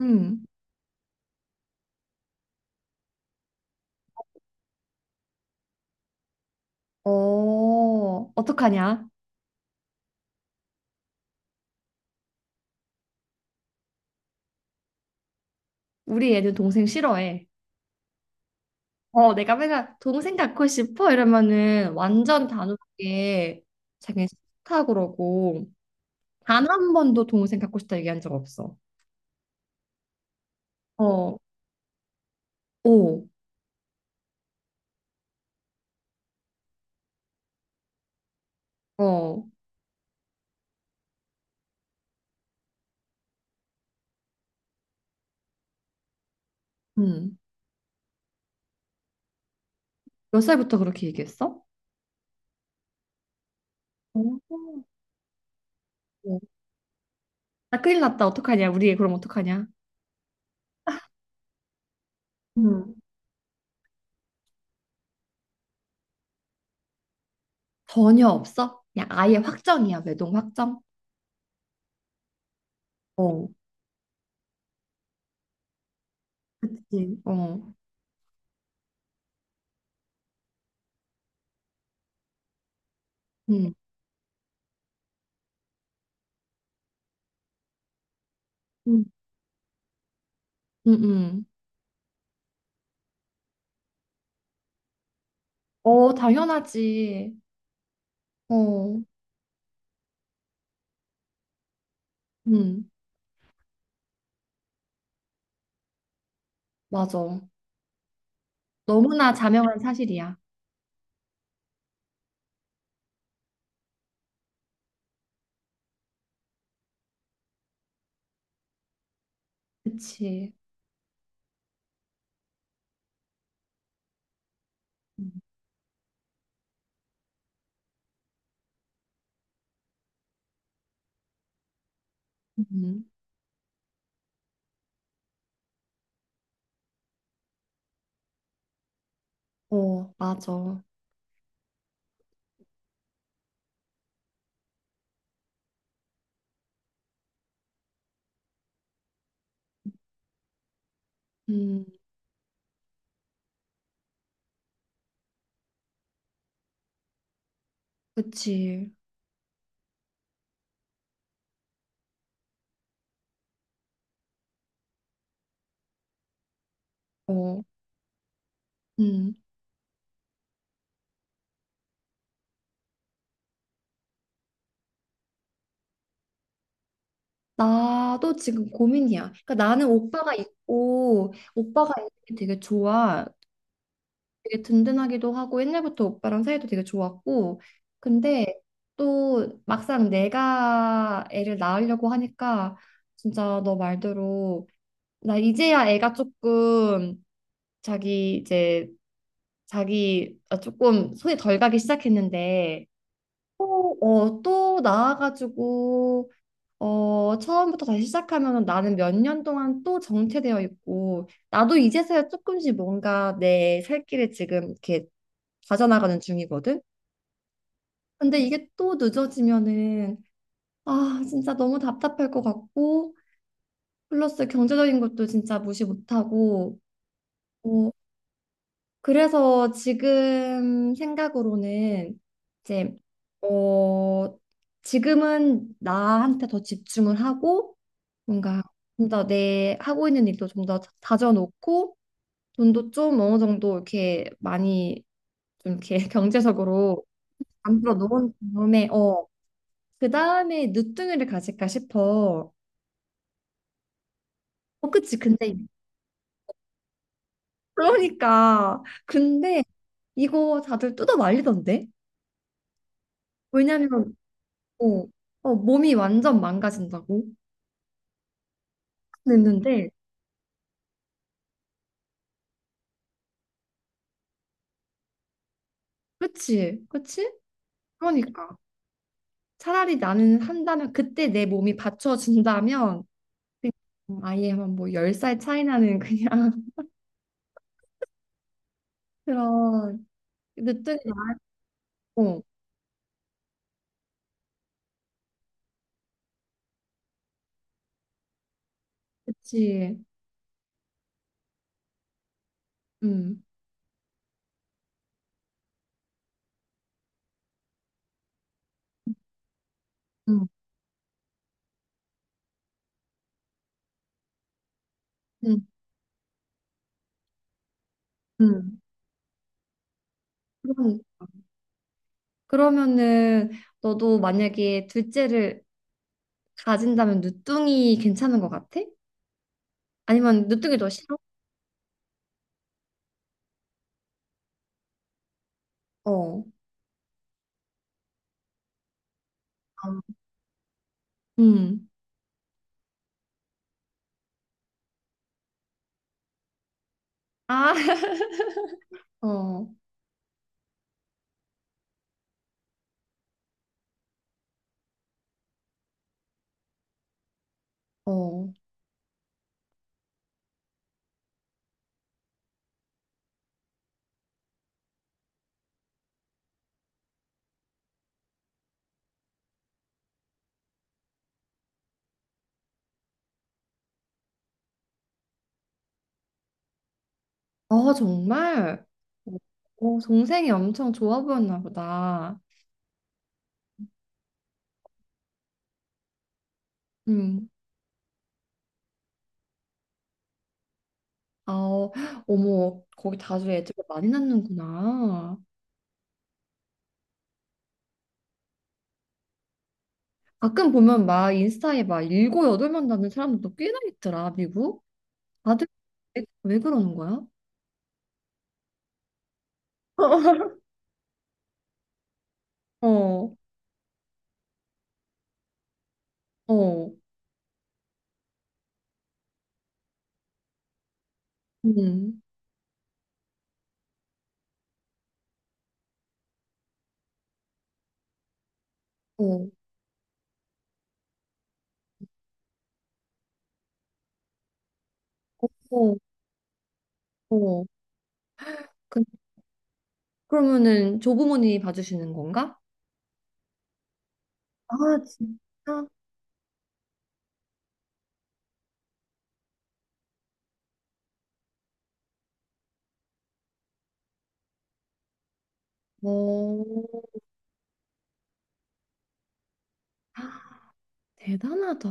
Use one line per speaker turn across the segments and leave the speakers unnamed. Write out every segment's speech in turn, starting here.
응. 어, 어떡하냐? 우리 애는 동생 싫어해. 어, 내가 맨날 동생 갖고 싶어 이러면은 완전 단호하게 자기는 싫다 그러고 단 한 번도 동생 갖고 싶다 얘기한 적 없어. 어, 오, 어, 응. 몇 살부터 그렇게 얘기했어? 오. 어. 나 큰일 났다. 어떡하냐? 우리 애 그럼 어떡하냐? 음 전혀 없어? 그냥 아예 확정이야. 매동 확정? 어, 그치. 어, 음, 음, 음. 어, 당연하지. 어, 음, 맞아. 너무나 자명한 사실이야. 그치. 음, 음. 어, 맞아. 음, 그치. 어, 음. 나도 지금 고민이야. 그러니까 나는 오빠가 있고, 오빠가 있는 게 되게 좋아. 되게 든든하기도 하고, 옛날부터 오빠랑 사이도 되게 좋았고. 근데 또 막상 내가 애를 낳으려고 하니까, 진짜 너 말대로 나 이제야 애가 조금 자기 이제 자기 아, 조금 손이 덜 가기 시작했는데 또, 어, 또 나와가지고 어, 처음부터 다시 시작하면 나는 몇 년 동안 또 정체되어 있고 나도 이제서야 조금씩 뭔가 내 살 길을 지금 이렇게 가져나가는 중이거든. 근데 이게 또 늦어지면은 아 진짜 너무 답답할 것 같고 플러스 경제적인 것도 진짜 무시 못하고 어, 그래서 지금 생각으로는 이제 어 지금은 나한테 더 집중을 하고 뭔가 좀 더 내 하고 있는 일도 좀 더 다져놓고 돈도 좀 어느 정도 이렇게 많이 좀 이렇게 경제적으로 만들어 놓은 다음에 어 그다음에 늦둥이를 가질까 싶어. 어 그치 근데 그러니까 근데 이거 다들 뜯어 말리던데? 왜냐면 어, 어, 몸이 완전 망가진다고 했는데, 그치, 그치? 그러니까 차라리 나는 한다면 그때 내 몸이 받쳐준다면 그냥 아예 한뭐 10살 차이 나는 그냥 그런 늦둥이 나고 그치 음, 음, 음, 음. 그럼, 그러면은 너도 만약에 둘째를 가진다면 늦둥이 괜찮은 것 같아? 아니면 늦둥이 더 싫어? 어, 음. 아, 어, 어. 아, 정말? 어 동생이 엄청 좋아 보였나 보다. 음. 아, 어, 어머, 거기 다들 애들 많이 낳는구나. 가끔 보면 막 인스타에 막 7, 8명 낳는 사람들도 꽤나 있더라, 미국. 다들 왜 그러는 거야? 어, 어, 음, 어, 어, 어. 그, 그러면은 조부모님이 봐주시는 건가? 아, 진짜? 어, 대단하다.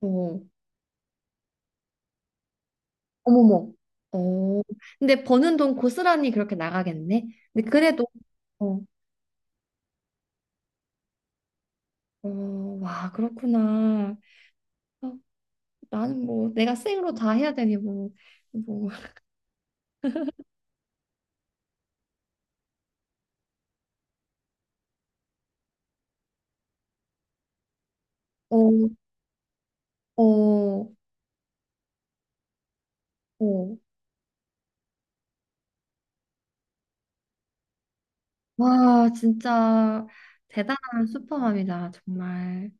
어, 어머머. 어, 근데 버는 돈 고스란히 그렇게 나가겠네. 근데 그래도, 어, 어, 와, 그렇구나. 어, 나는 뭐, 내가 생으로 다 해야 되니, 뭐, 뭐, 어, 어, 어. 와, 진짜 대단한 슈퍼맘이다, 정말.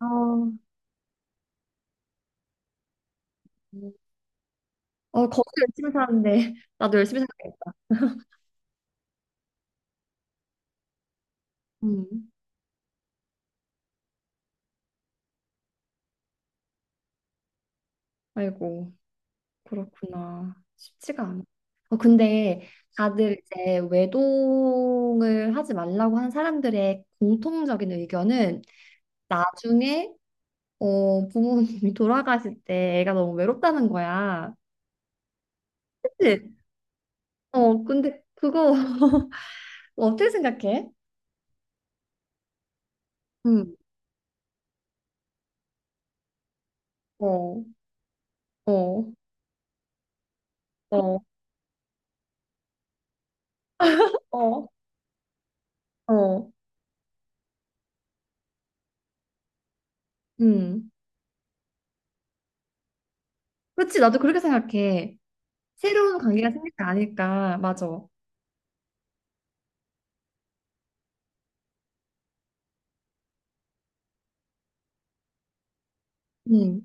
아, 어, 거기서 열심히 사는데, 나도 열심히 살겠다. 음, 아이고. 그렇구나. 쉽지가 않아. 어, 근데 다들 이제 외동을 하지 말라고 하는 사람들의 공통적인 의견은 나중에 어, 부모님이 돌아가실 때 애가 너무 외롭다는 거야. 그치? 어, 근데 그거 어떻게 생각해? 음. 어, 어, 어, 어, 어, 음. 그렇지, 나도 그렇게 생각해. 새로운 관계가 생길 거 아닐까, 맞아. 응.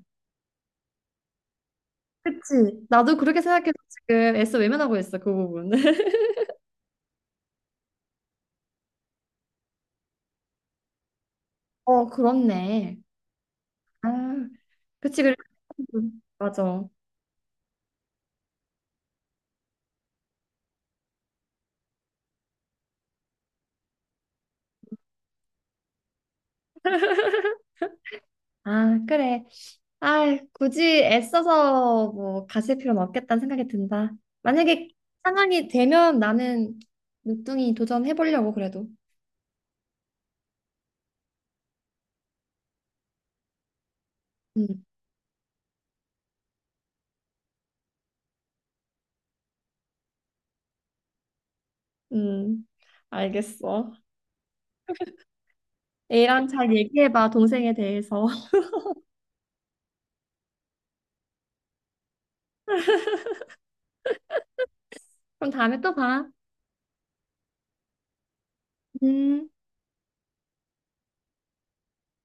그치? 나도 그렇게 생각해서 지금 애써 외면하고 있어, 그 부분. 어, 그렇네. 아, 그치, 그래. 맞아. 아, 그래. 아, 굳이 애써서 뭐 가실 필요는 없겠다는 생각이 든다. 만약에 상황이 되면 나는 늦둥이 도전해보려고 그래도. 음, 음, 알겠어. A랑 잘 얘기해봐, 동생에 대해서. 그럼 다음에 또 봐. 음.